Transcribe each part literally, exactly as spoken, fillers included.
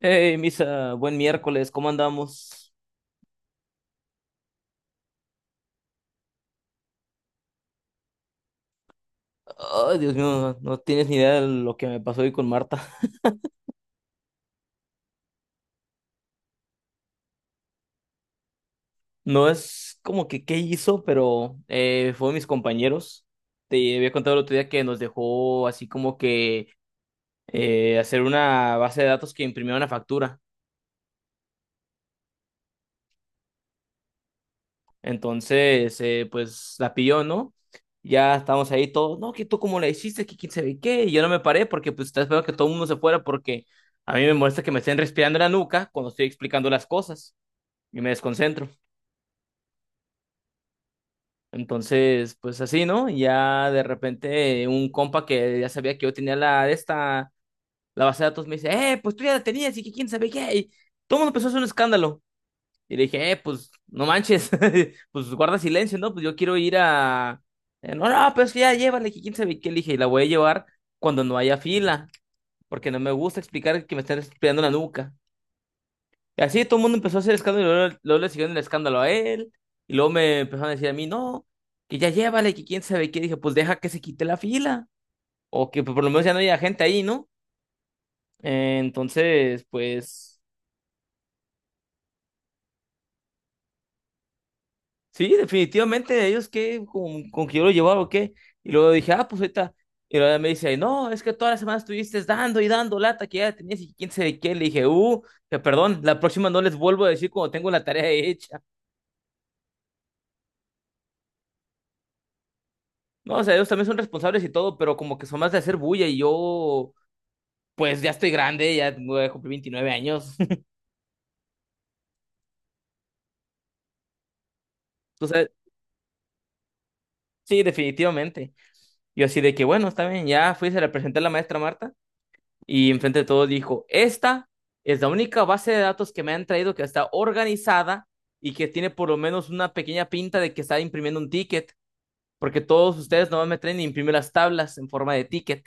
Hey, Misa, buen miércoles, ¿cómo andamos? Ay, Dios mío, no, no tienes ni idea de lo que me pasó hoy con Marta. No es como que qué hizo, pero eh, fue mis compañeros. Te había contado el otro día que nos dejó así como que eh, hacer una base de datos que imprimió una factura. Entonces, eh, pues la pilló, ¿no? Ya estábamos ahí todos, no, que tú cómo la hiciste, que quién sabe qué. Y yo no me paré porque pues estaba esperando que todo el mundo se fuera porque a mí me molesta que me estén respirando en la nuca cuando estoy explicando las cosas, y me desconcentro. Entonces, pues así, ¿no? Y ya de repente un compa que ya sabía que yo tenía la de esta, la base de datos me dice, eh, pues tú ya la tenías y que quién sabe qué. Y todo el mundo empezó a hacer un escándalo. Y le dije, eh, pues no manches, pues guarda silencio, ¿no? Pues yo quiero ir a... eh, No, no, pues ya llévale, que quién sabe qué. Le dije, y la voy a llevar cuando no haya fila, porque no me gusta explicar que me están espiando la nuca. Y así todo el mundo empezó a hacer escándalo y luego, luego le siguieron el escándalo a él. Y luego me empezaron a decir a mí, no, que ya llévale, que quién sabe qué. Dije, pues deja que se quite la fila. O que pues, por lo menos ya no haya gente ahí, ¿no? Eh, entonces, pues sí, definitivamente ellos que con, con que yo lo llevaba o qué. Y luego dije, ah, pues ahorita. Y luego me dice, no, es que todas las semanas estuviste dando y dando lata que ya tenías y quién sabe qué. Le dije, uh, que perdón, la próxima no les vuelvo a decir cuando tengo la tarea hecha. No, o sea, ellos también son responsables y todo, pero como que son más de hacer bulla y yo, pues ya estoy grande, ya tengo- cumplí veintinueve años. Entonces, sí, definitivamente. Yo así de que, bueno, está bien, ya fui, se la presenté a la maestra Marta y enfrente de todos dijo, esta es la única base de datos que me han traído que está organizada y que tiene por lo menos una pequeña pinta de que está imprimiendo un ticket, porque todos ustedes no me traen ni imprimen las tablas en forma de ticket.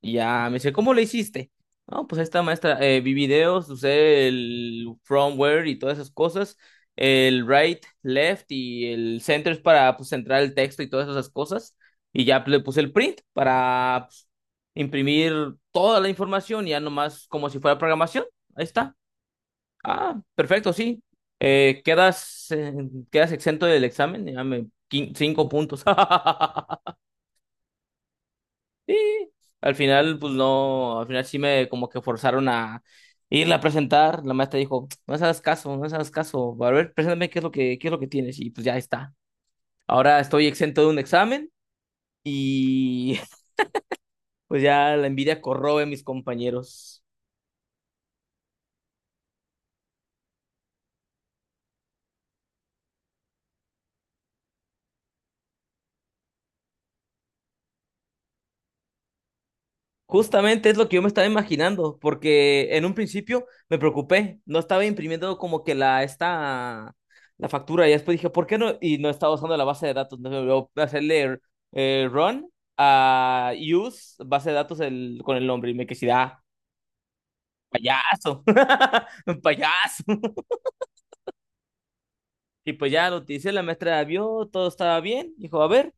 Y ya me dice, ¿cómo lo hiciste? No, pues esta maestra, eh, vi videos, usé el firmware y todas esas cosas, el right, left y el center es para pues, centrar el texto y todas esas cosas. Y ya pues, le puse el print para pues, imprimir toda la información, ya nomás como si fuera programación. Ahí está. Ah, perfecto, sí. Eh, quedas, eh, quedas exento del examen, ya me, quin- cinco puntos. Y al final, pues no, al final sí me como que forzaron a irla a presentar. La maestra dijo, no les hagas caso, no les hagas caso. A ver, preséntame qué es lo que, qué es lo que tienes. Y pues ya está. Ahora estoy exento de un examen y pues ya la envidia corroe a mis compañeros. Justamente es lo que yo me estaba imaginando, porque en un principio me preocupé, no estaba imprimiendo como que la esta la factura y después dije, ¿por qué no? Y no estaba usando la base de datos, no me voy a hacerle eh, run a use base de datos el- con el nombre y me quedé, ah, payaso, payaso. Y pues ya lo utilicé, la maestra vio, todo estaba bien, dijo, a ver,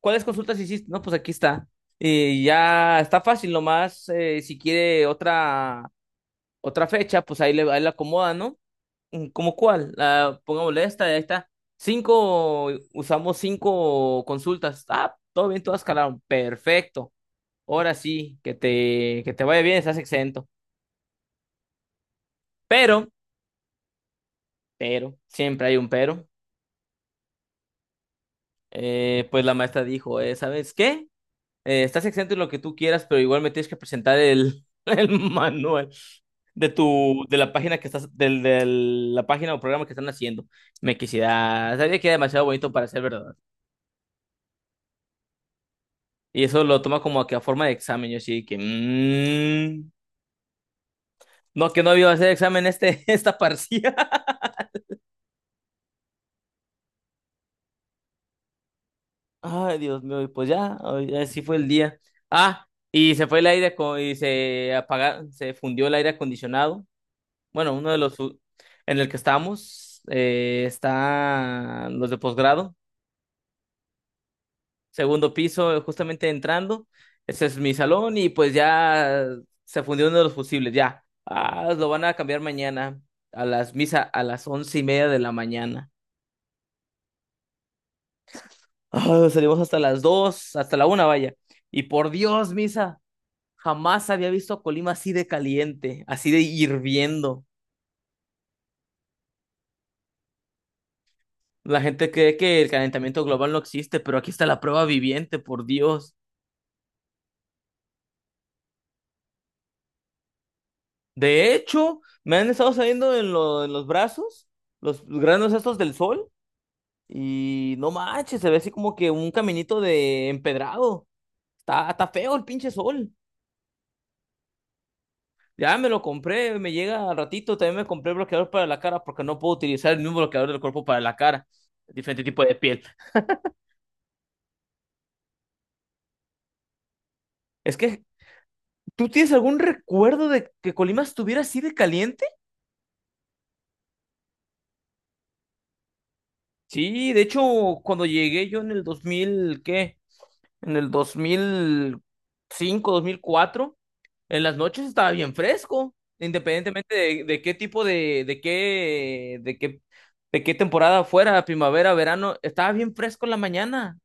¿cuáles consultas hiciste? No, pues aquí está. Y ya está fácil, nomás eh, si quiere otra otra fecha, pues ahí le, ahí la acomoda, ¿no? Mm, ¿cómo cuál? La, pongámosle esta, ahí está. Cinco, usamos cinco consultas. Ah, todo bien, todas calaron. Perfecto. Ahora sí, que te, que te vaya bien, estás exento. Pero, pero, siempre hay un pero. Eh, pues la maestra dijo, eh, ¿sabes qué? Eh, estás exento en lo que tú quieras, pero igual me tienes que presentar el, el manual de tu, de la página que estás, del, de la página o programa que están haciendo. Me quisiera, sabía que era demasiado bonito para ser verdad. Y eso lo toma como que a forma de examen, yo sí que, mm, no, que no iba a hacer examen este, esta parcial. Ay, Dios mío, y pues ya, ay, así fue el día. Ah, y se fue el aire, acon- y se apagaron, se fundió el aire acondicionado. Bueno, uno de los u- en el que estamos, eh, están los de posgrado, segundo piso, eh, justamente entrando. Ese es mi salón y pues ya se fundió uno de los fusibles, ya. Ah, lo van a cambiar mañana a las misa a las once y media de la mañana. Ah, salimos hasta las dos, hasta la una, vaya. Y por Dios, misa, jamás había visto a Colima así de caliente, así de hirviendo. La gente cree que el calentamiento global no existe, pero aquí está la prueba viviente, por Dios. De hecho, me han estado saliendo en, lo- en los brazos, los granos estos del sol, y no manches, se ve así como que un caminito de empedrado. Está, está feo el pinche sol. Ya me lo compré, me llega al ratito. También me compré bloqueador para la cara porque no puedo utilizar el mismo bloqueador del cuerpo para la cara. Diferente tipo de piel. Es que, ¿tú tienes algún recuerdo de que Colima estuviera así de caliente? Sí, de hecho, cuando llegué yo en el dos mil, ¿qué? En el dos dos mil cinco, dos mil cuatro, en las noches estaba bien fresco, independientemente de, de qué tipo de, de qué, de qué, de qué temporada fuera, primavera, verano, estaba bien fresco en la mañana.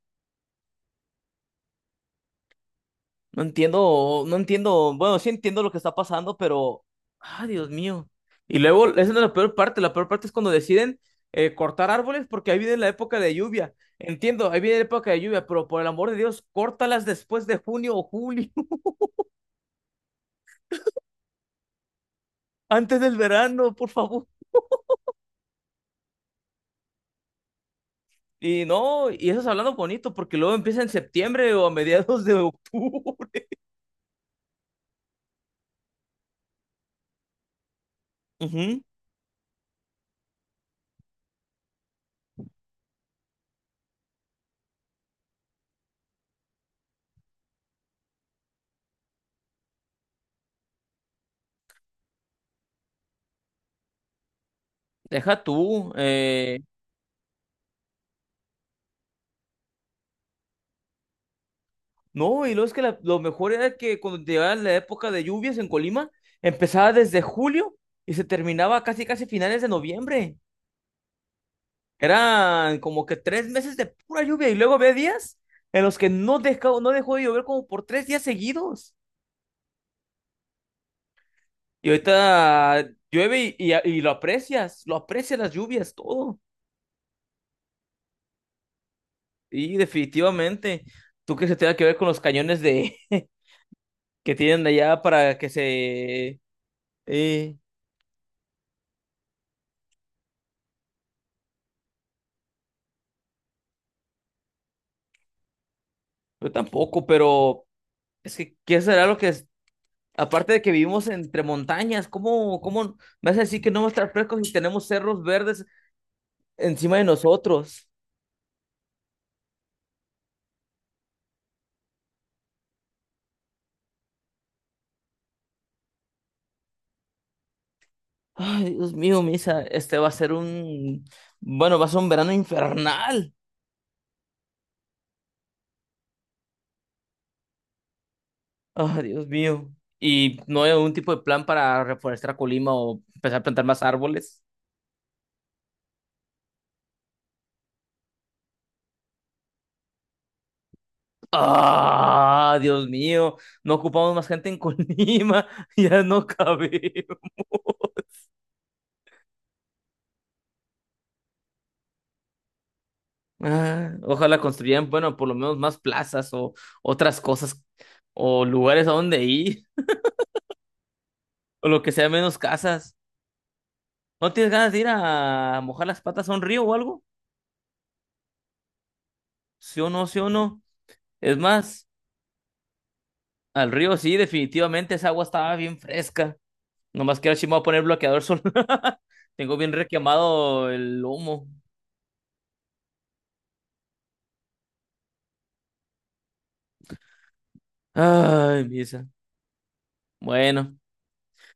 No entiendo, no entiendo, bueno, sí entiendo lo que está pasando, pero, ah, Dios mío. Y luego, esa no es la peor parte, la peor parte es cuando deciden eh, cortar árboles porque ahí viene la época de lluvia. Entiendo, ahí viene la época de lluvia, pero por el amor de Dios, córtalas después de junio o julio, antes del verano, por favor. Y no, y eso es hablando bonito, porque luego empieza en septiembre o a mediados de octubre. Ujú, deja tú. eh, No, y luego es que la- lo mejor era que cuando llegaba la época de lluvias en Colima, empezaba desde julio y se terminaba casi casi finales de noviembre. Eran como que tres meses de pura lluvia y luego había días en los que no dejó, no dejó de llover como por tres días seguidos. Y ahorita llueve y, y, y lo aprecias, lo aprecias las lluvias, todo. Y definitivamente, tú crees que se tenga que ver con los cañones de que tienen allá para que se... Eh, yo tampoco, pero es que, ¿qué será lo que es? Aparte de que vivimos entre montañas, ¿cómo, ¿cómo me hace decir que no va a estar fresco si tenemos cerros verdes encima de nosotros? Ay, Dios mío, Misa, este va a ser un... Bueno, va a ser un verano infernal. Ay, Dios mío. ¿Y no hay algún tipo de plan para reforestar Colima o empezar a plantar más árboles? Ah, Dios mío, no ocupamos más gente en Colima, ya no cabemos. Ah, ojalá construyan, bueno, por lo menos más plazas o otras cosas o lugares a donde ir o lo que sea menos casas. ¿No tienes ganas de ir a mojar las patas a un río o algo? Sí o no, sí o no. Es más, al río sí, definitivamente esa agua estaba bien fresca. Nomás que ahora sí me voy a poner bloqueador solar. Tengo bien requemado el lomo. Ay, misa. Bueno.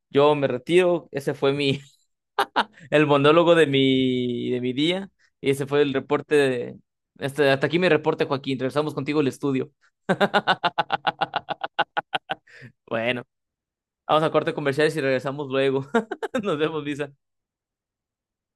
Yo me retiro, ese fue mi, el monólogo de mi, de mi día y ese fue el reporte de, este, hasta aquí mi reporte, Joaquín. Regresamos contigo al estudio. Bueno, vamos a corte comerciales y regresamos luego. Nos vemos, Lisa.